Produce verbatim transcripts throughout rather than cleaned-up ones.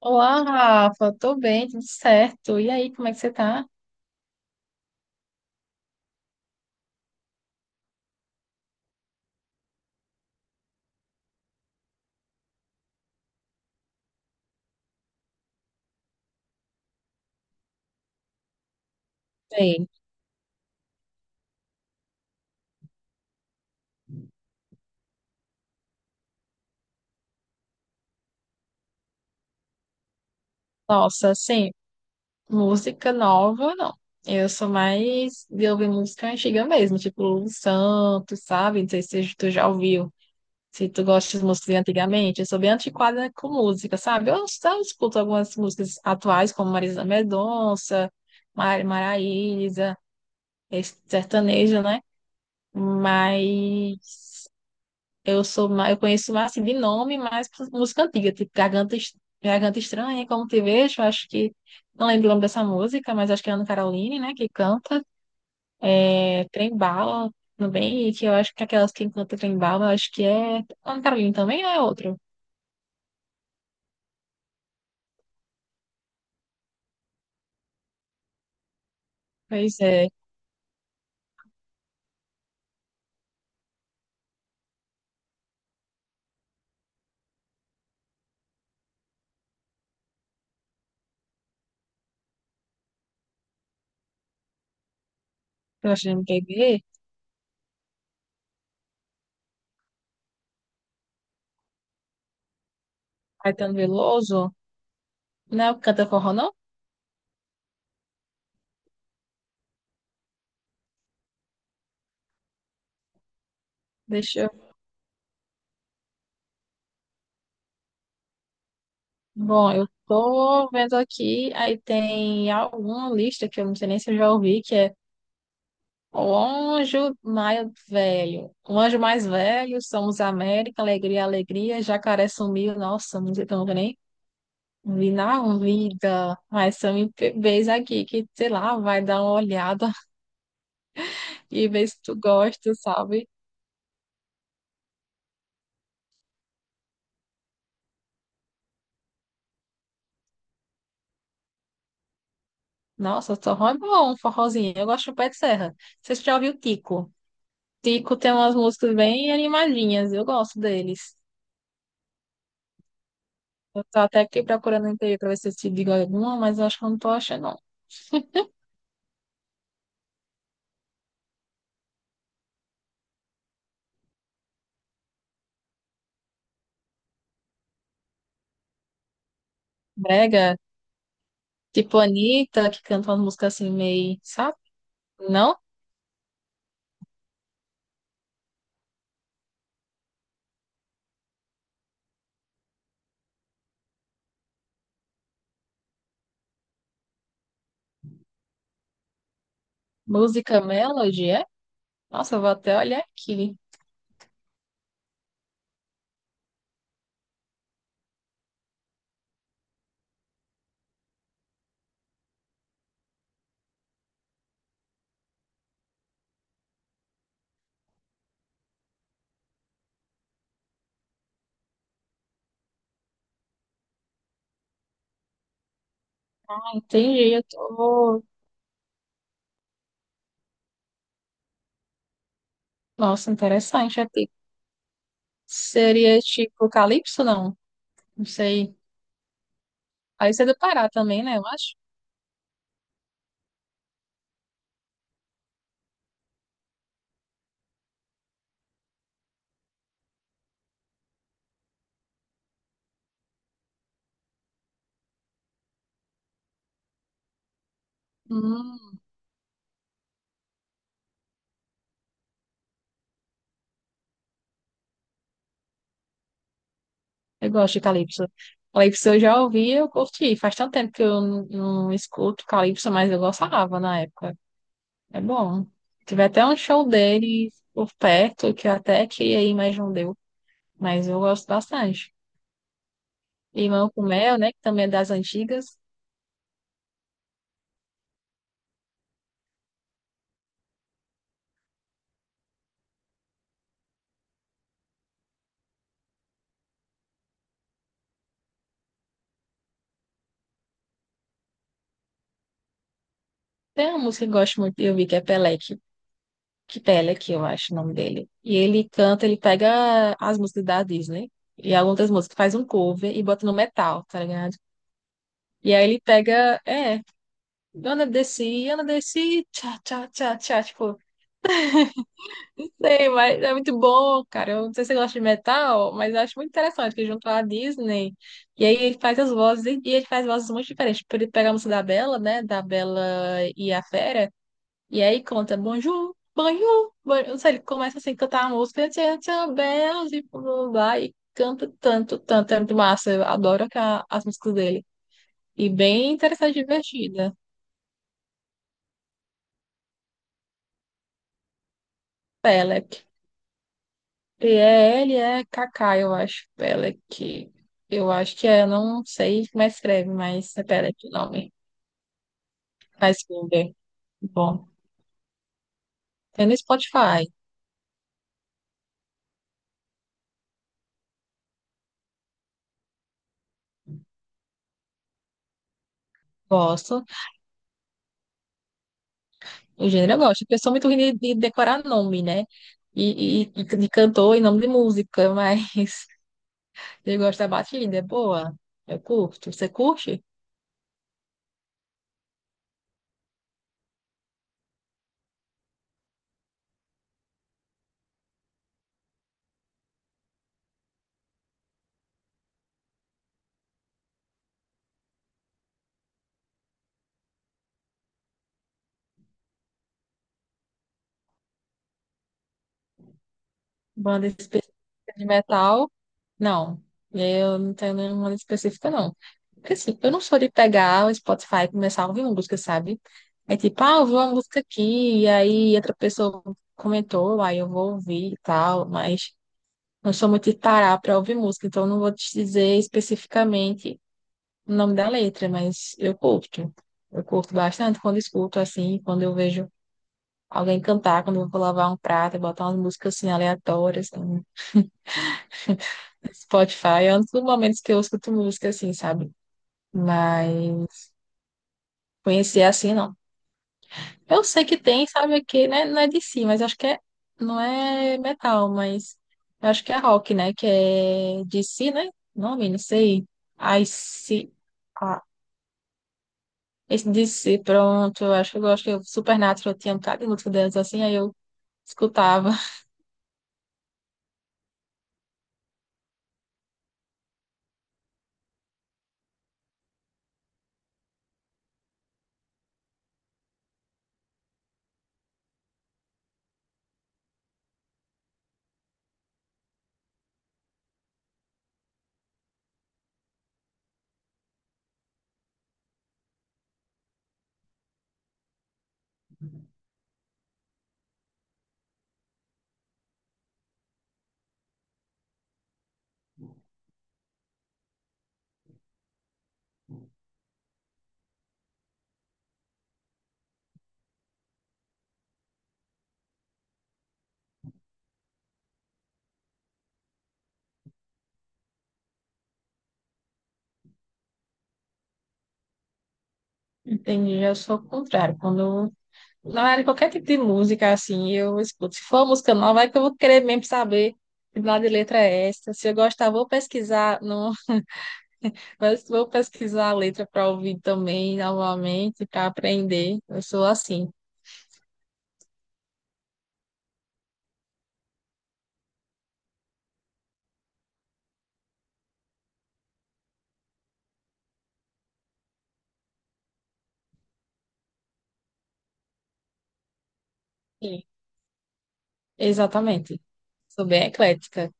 Olá, Rafa, tô bem, tudo certo. E aí, como é que você tá? Bem. Nossa, assim, música nova, não. Eu sou mais de ouvir música antiga mesmo, tipo Lulu Santos, sabe? Não sei se tu já ouviu, se tu gosta de músicas de antigamente. Eu sou bem antiquada com música, sabe? Eu só escuto algumas músicas atuais, como Marisa Mendonça, Mari Maraíza, esse sertanejo, né? Mas eu sou mais, eu conheço mais assim, de nome, mais música antiga, tipo Garganta, Es- Garganta Estranha, Como Te Vejo, acho que não lembro o nome dessa música, mas acho que é Ana Caroline, né, que canta, é Trem Bala também, e que eu acho que aquelas que canta Trem Bala, acho que é Ana Caroline também ou é outro? Pois é, eu acho que não quer ver, Caetano Veloso, não é o que canta forró, não? Deixa eu... Bom, eu tô vendo aqui, aí tem alguma lista que eu não sei nem se eu já ouvi, que é O anjo mais velho. O anjo mais velho, somos América, alegria, alegria. Jacaré sumiu, nossa, não sei tão nem vi na vida. Mas são M P Bs aqui que, sei lá, vai dar uma olhada e ver se tu gosta, sabe? Nossa, forró é bom, um forrozinho. Eu gosto do Pé de Serra. Vocês já ouviu Tico? Tico tem umas músicas bem animadinhas, eu gosto deles. Eu tô até aqui procurando no interior pra ver se eu te digo alguma, mas eu acho que eu não tô achando, não. Brega, tipo Anitta, que canta umas músicas assim meio, sabe? Não? Música Melody, é? Nossa, eu vou até olhar aqui. Ah, entendi, eu tô... Nossa, interessante. É tipo... Seria tipo Calypso, não? Não sei. Aí você é do Pará também, né? Eu acho. Hum, eu gosto de Calypso. Calypso eu já ouvi, eu curti. Faz tanto tempo que eu não não escuto Calypso, mas eu gostava na época. É bom. Tive até um show dele por perto, que eu até queria ir, mas não deu. Mas eu gosto bastante. Limão com mel, né? Que também é das antigas. Tem uma música que eu gosto muito, eu vi que é Pelec, que Pelec, eu acho o nome dele. E ele canta, ele pega as músicas da Disney e algumas músicas, faz um cover e bota no metal, tá ligado? E aí ele pega, é, Ana Desci, Ana Desci, tchá, tchá, tchá, tchá, tipo, sei, mas é muito bom, cara. Eu não sei se você gosta de metal, mas eu acho muito interessante que junto à Disney. E aí ele faz as vozes, e ele faz vozes muito diferentes. Tipo, ele pega a música da Bela, né? Da Bela e a Fera. E aí conta bonjour, bonjour, bonjour. Não sei, ele começa assim a cantar a música, tchan, tchan, bells, e blá, blá, blá, e canta tanto, tanto, é muito massa. Eu adoro ca- as músicas dele. E bem interessante e divertida. Pelec. P E L E K K, eu acho. Pelec. Eu acho que é, não sei como é que escreve, mas é Pelec o nome. Faz Google. Bom. Tem no Spotify. Gosto. O gênero eu gosto, porque eu sou muito ruim de, de decorar nome, né? E, e- e de cantor e nome de música, mas eu gosto da batida, é boa. Eu curto. Você curte? Banda específica de metal? Não. Eu não tenho nenhuma específica, não. Porque assim, eu não sou de pegar o Spotify e começar a ouvir uma música, sabe? É tipo, ah, eu vou uma música aqui, e aí outra pessoa comentou, aí eu vou ouvir e tal, mas não sou muito de parar pra ouvir música, então eu não vou te dizer especificamente o nome da letra, mas eu curto. Eu curto bastante quando escuto assim, quando eu vejo alguém cantar, quando eu vou lavar um prato, eu botar umas músicas assim aleatórias no Spotify, é um dos momentos que eu escuto música assim, sabe? Mas conhecer assim não. Eu sei que tem, sabe, aqui, né? Não é de si, mas acho que é, não é metal, mas eu acho que é rock, né? Que é de si, né? Nome, não sei. I see. Esse D C, pronto, eu acho que eu gosto, que eu Supernatural eu tinha um bocado de música delas assim, aí eu escutava. Entendi, eu sou o contrário. Quando não era qualquer tipo de música assim, eu escuto. Se for música nova, é que eu vou querer mesmo saber de lado de letra é essa. Se eu gostar, vou pesquisar, não, mas vou pesquisar a letra para ouvir também novamente, para aprender. Eu sou assim. Sim. Exatamente. Sou bem eclética.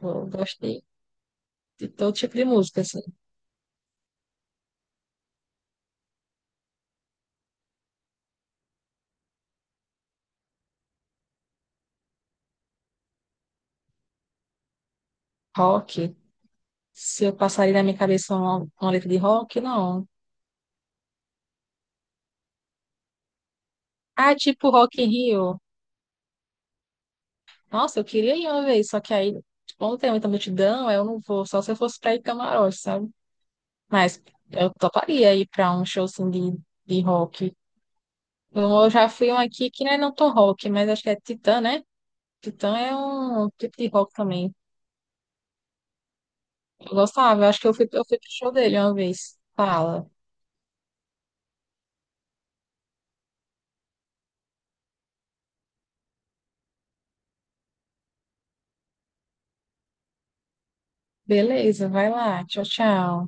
Eu gostei de todo tipo de música, assim. Rock, se eu passaria na minha cabeça uma, uma letra de rock, não. Ah, tipo Rock in Rio. Nossa, eu queria ir uma vez, só que aí, como tem muita multidão, aí eu não vou, só se eu fosse pra ir camarote, sabe? Mas eu toparia ir pra um show, assim, de, de rock. Eu já fui um aqui que não é não tão rock, mas acho que é Titã, né? Titã é um tipo de rock também. Eu gostava, eu acho que eu fui, eu fui, pro show dele uma vez. Fala. Beleza, vai lá. Tchau, tchau.